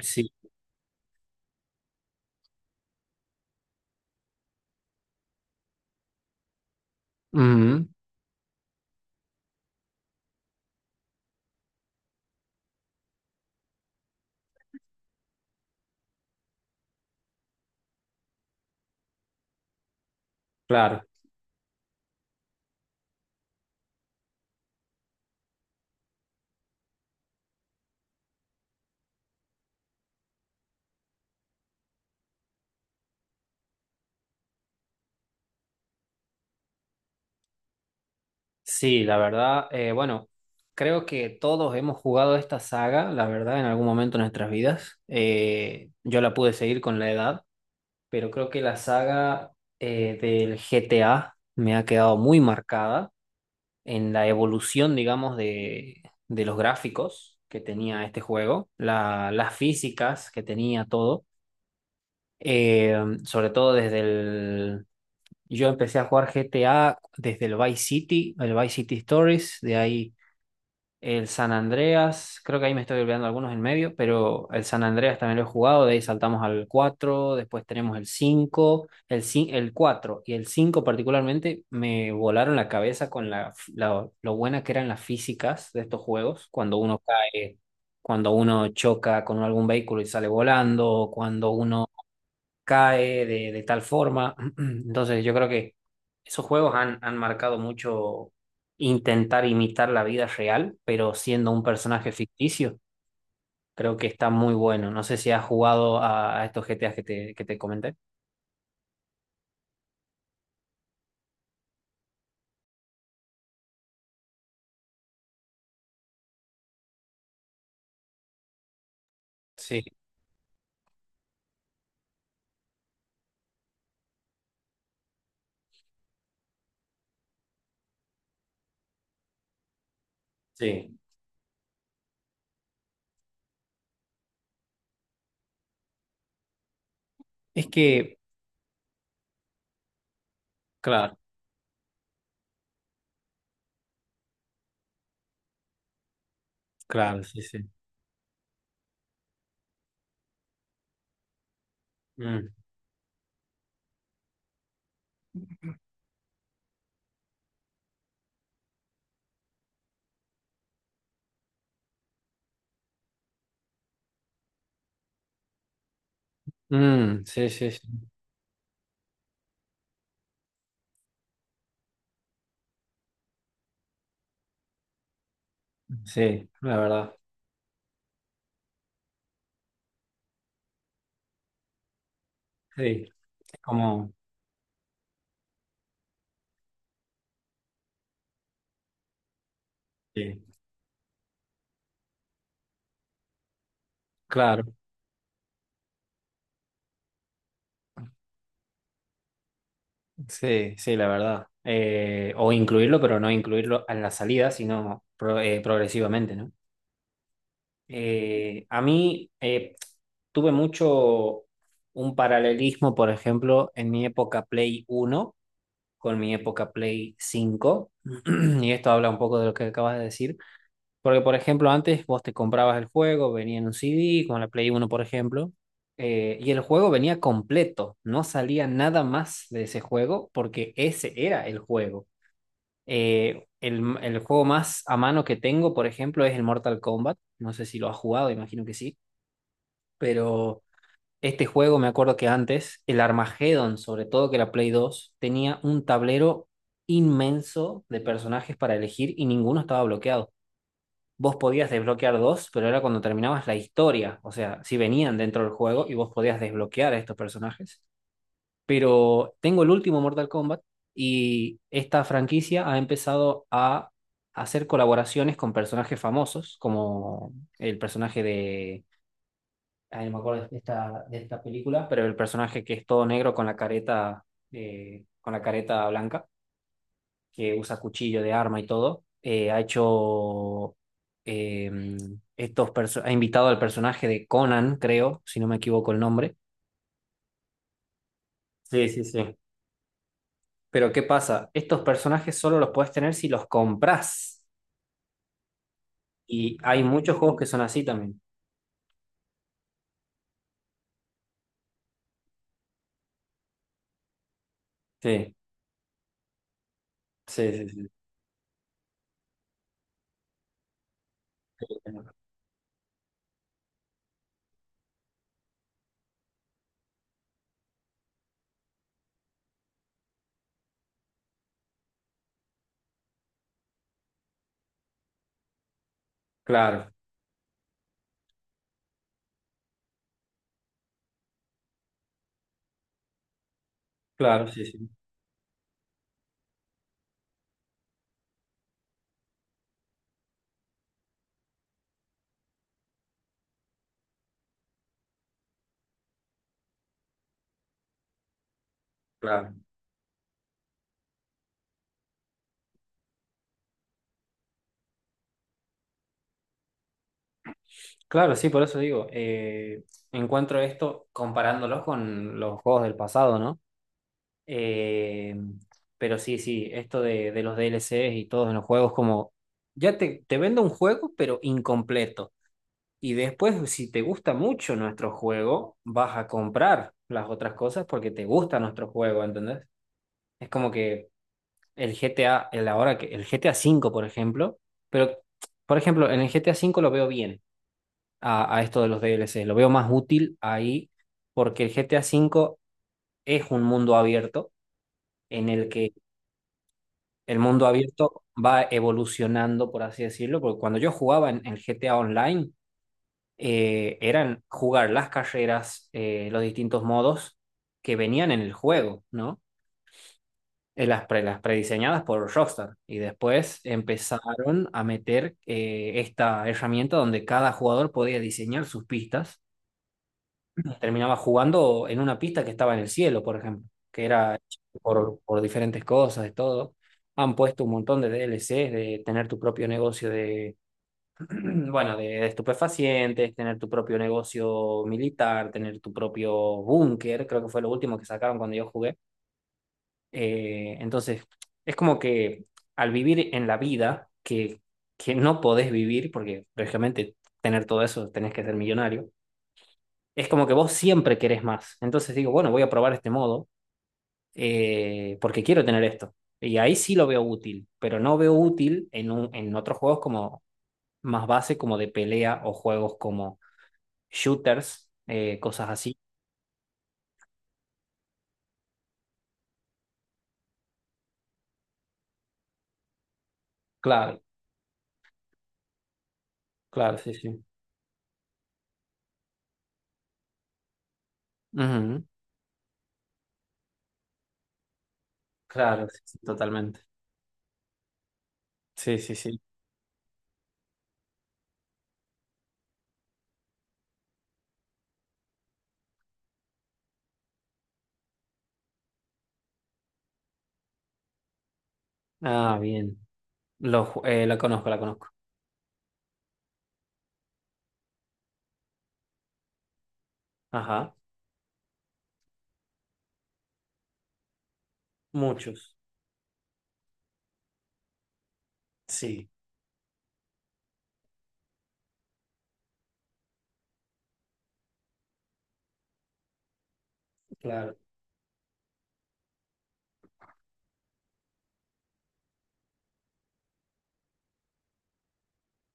Sí, ujú, claro. Sí, la verdad, bueno, creo que todos hemos jugado esta saga, la verdad, en algún momento de nuestras vidas. Yo la pude seguir con la edad, pero creo que la saga del GTA me ha quedado muy marcada en la evolución, digamos, de los gráficos que tenía este juego, las físicas que tenía todo, eh, sobre todo desde. Yo empecé a jugar GTA desde el Vice City Stories, de ahí el San Andreas, creo que ahí me estoy olvidando algunos en medio, pero el San Andreas también lo he jugado, de ahí saltamos al 4, después tenemos el 5, el 4 y el 5 particularmente me volaron la cabeza con lo buena que eran las físicas de estos juegos, cuando uno cae, cuando uno choca con algún vehículo y sale volando, cuando uno cae de tal forma. Entonces yo creo que esos juegos han marcado mucho intentar imitar la vida real, pero siendo un personaje ficticio. Creo que está muy bueno. No sé si has jugado a estos GTAs que que te comenté. Sí, sí. Es que, claro, claro, sí, sí. Mm, mm, sí, sí, sí, sí, la verdad. Sí, es como, sí. Claro. Sí, sí, la verdad. O incluirlo, pero no incluirlo en la salida, sino progresivamente, ¿no? A mí tuve mucho un paralelismo, por ejemplo, en mi época Play Uno con mi época Play Cinco, y esto habla un poco de lo que acabas de decir, porque, por ejemplo, antes vos te comprabas el juego, venía en un CD, con la Play Uno por ejemplo, y el juego venía completo, no salía nada más de ese juego porque ese era el juego. El juego más a mano que tengo, por ejemplo, es el Mortal Kombat. No sé si lo has jugado, imagino que sí, pero este juego me acuerdo que antes, el Armageddon, sobre todo que la Play dos tenía un tablero inmenso de personajes para elegir y ninguno estaba bloqueado. Vos podías desbloquear dos, pero era cuando terminabas la historia. O sea, si venían dentro del juego y vos podías desbloquear a estos personajes. Pero tengo el último Mortal Kombat y esta franquicia ha empezado a hacer colaboraciones con personajes famosos, como el personaje de. Ay, no me acuerdo de esta película, pero el personaje que es todo negro con la careta blanca que usa cuchillo de arma y todo, eh, ha invitado al personaje de Conan, creo, si no me equivoco el nombre. Sí, sí, sí. Pero ¿qué pasa? Estos personajes solo los puedes tener si los compras. Y hay muchos juegos que son así también. Sí, sí, sí, sí. Claro, claro, sí, sí, claro. Claro, sí, por eso digo, encuentro esto comparándolos con los juegos del pasado, ¿no? Eh, pero sí, sí, esto de los D L DLCs y todos en los juegos, como ya te vendo un juego, pero incompleto. Y después, si te gusta mucho nuestro juego, vas a comprar las otras cosas porque te gusta nuestro juego, ¿entendés? Es como que el G T A el ahora que el G T A cinco, por ejemplo, pero por ejemplo, en el G T A cinco lo veo bien a esto de los D L DLCs, lo veo más útil ahí porque el G T A cinco es un mundo abierto en el que El mundo abierto va evolucionando, por así decirlo, porque cuando yo jugaba en GTA Online, eran jugar las carreras, los distintos modos que venían en el juego, ¿no? Las prediseñadas por Rockstar. Y después empezaron a meter esta herramienta donde cada jugador podía diseñar sus pistas. Terminaba jugando en una pista que estaba en el cielo, por ejemplo, que era hecha por diferentes cosas, de todo. Han puesto un montón de DLCs, de tener tu propio negocio de, bueno, de estupefacientes, tener tu propio negocio militar, tener tu propio búnker, creo que fue lo último que sacaron cuando yo jugué. Entonces, es como que al vivir en la vida que no podés vivir, porque lógicamente tener todo eso tenés que ser millonario, es como que vos siempre querés más. Entonces digo, bueno, voy a probar este modo porque quiero tener esto. Y ahí sí lo veo útil, pero no veo útil en otros juegos como más base, como de pelea o juegos como shooters, cosas así. Claro, claro, sí, sí. Ujú. Claro, sí, sí, totalmente. Sí, sí, sí. Ah, bien. La conozco, la conozco. Ajá. Muchos. Sí, claro,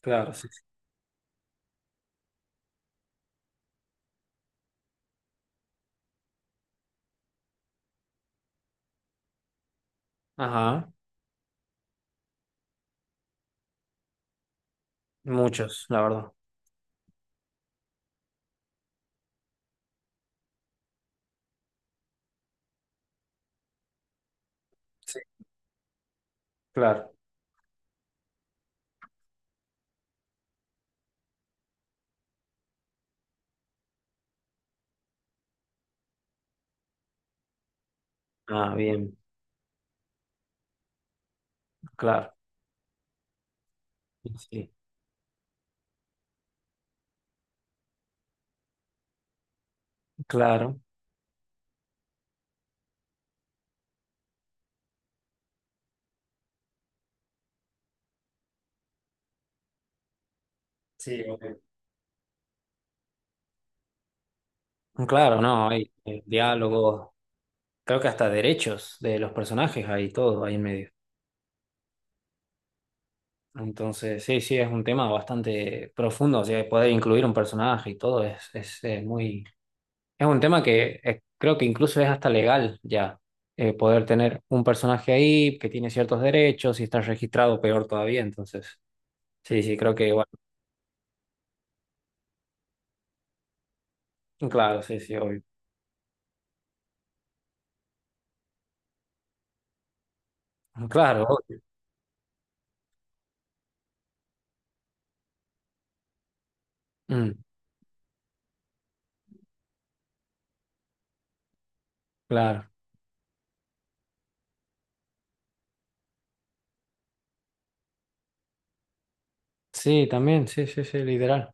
claro, sí, sí. Ajá. Muchos, la verdad. Sí, claro. Ah, bien. Claro, sí, claro. Sí, obvio. Claro, no, hay diálogos, creo que hasta derechos de los personajes hay todo ahí en medio. Entonces, sí, sí, es un tema bastante profundo, o sea, poder incluir un personaje y todo es, muy. Es un tema que creo que incluso es hasta legal ya, poder tener un personaje ahí que tiene ciertos derechos y está registrado peor todavía, entonces, sí, sí, creo que, bueno, claro, sí, sí, obvio. Claro, obvio. Mm, claro. Sí, también, sí, sí, sí, literal.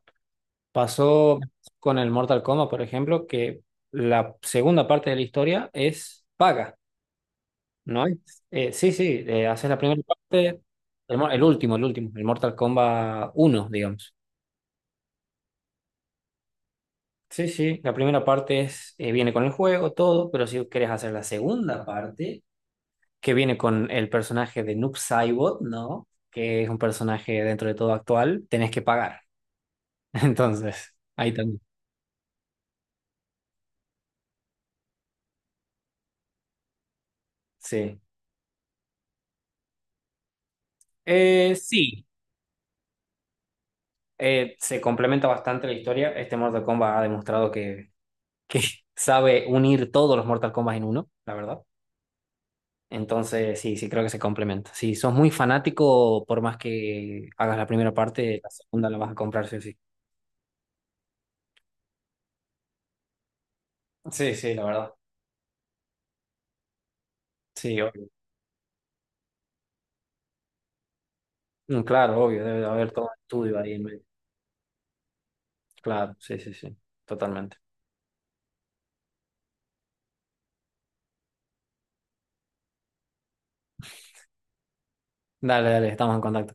Pasó con el Mortal Kombat, por ejemplo, que la segunda parte de la historia es paga, ¿no? ¿Es? Sí, sí, haces la primera parte, el último, el último, el Mortal Kombat uno, digamos. Sí, sí, la primera parte viene con el juego, todo, pero si quieres hacer la segunda parte, que viene con el personaje de Noob Saibot, ¿no? Que es un personaje dentro de todo actual, tenés que pagar. Entonces, ahí también, sí. Sí, se complementa bastante la historia. Este Mortal Kombat ha demostrado que sabe unir todos los Mortal Kombat en uno, la verdad. Entonces, sí, sí, creo que se complementa. Si sos muy fanático, por más que hagas la primera parte, la segunda la vas a comprar, sí o sí. Sí, sí, la verdad. Sí, obvio. Mm, claro, obvio, debe de haber todo un estudio ahí en medio. Claro, sí, sí, sí, totalmente. Dale, dale, estamos en contacto.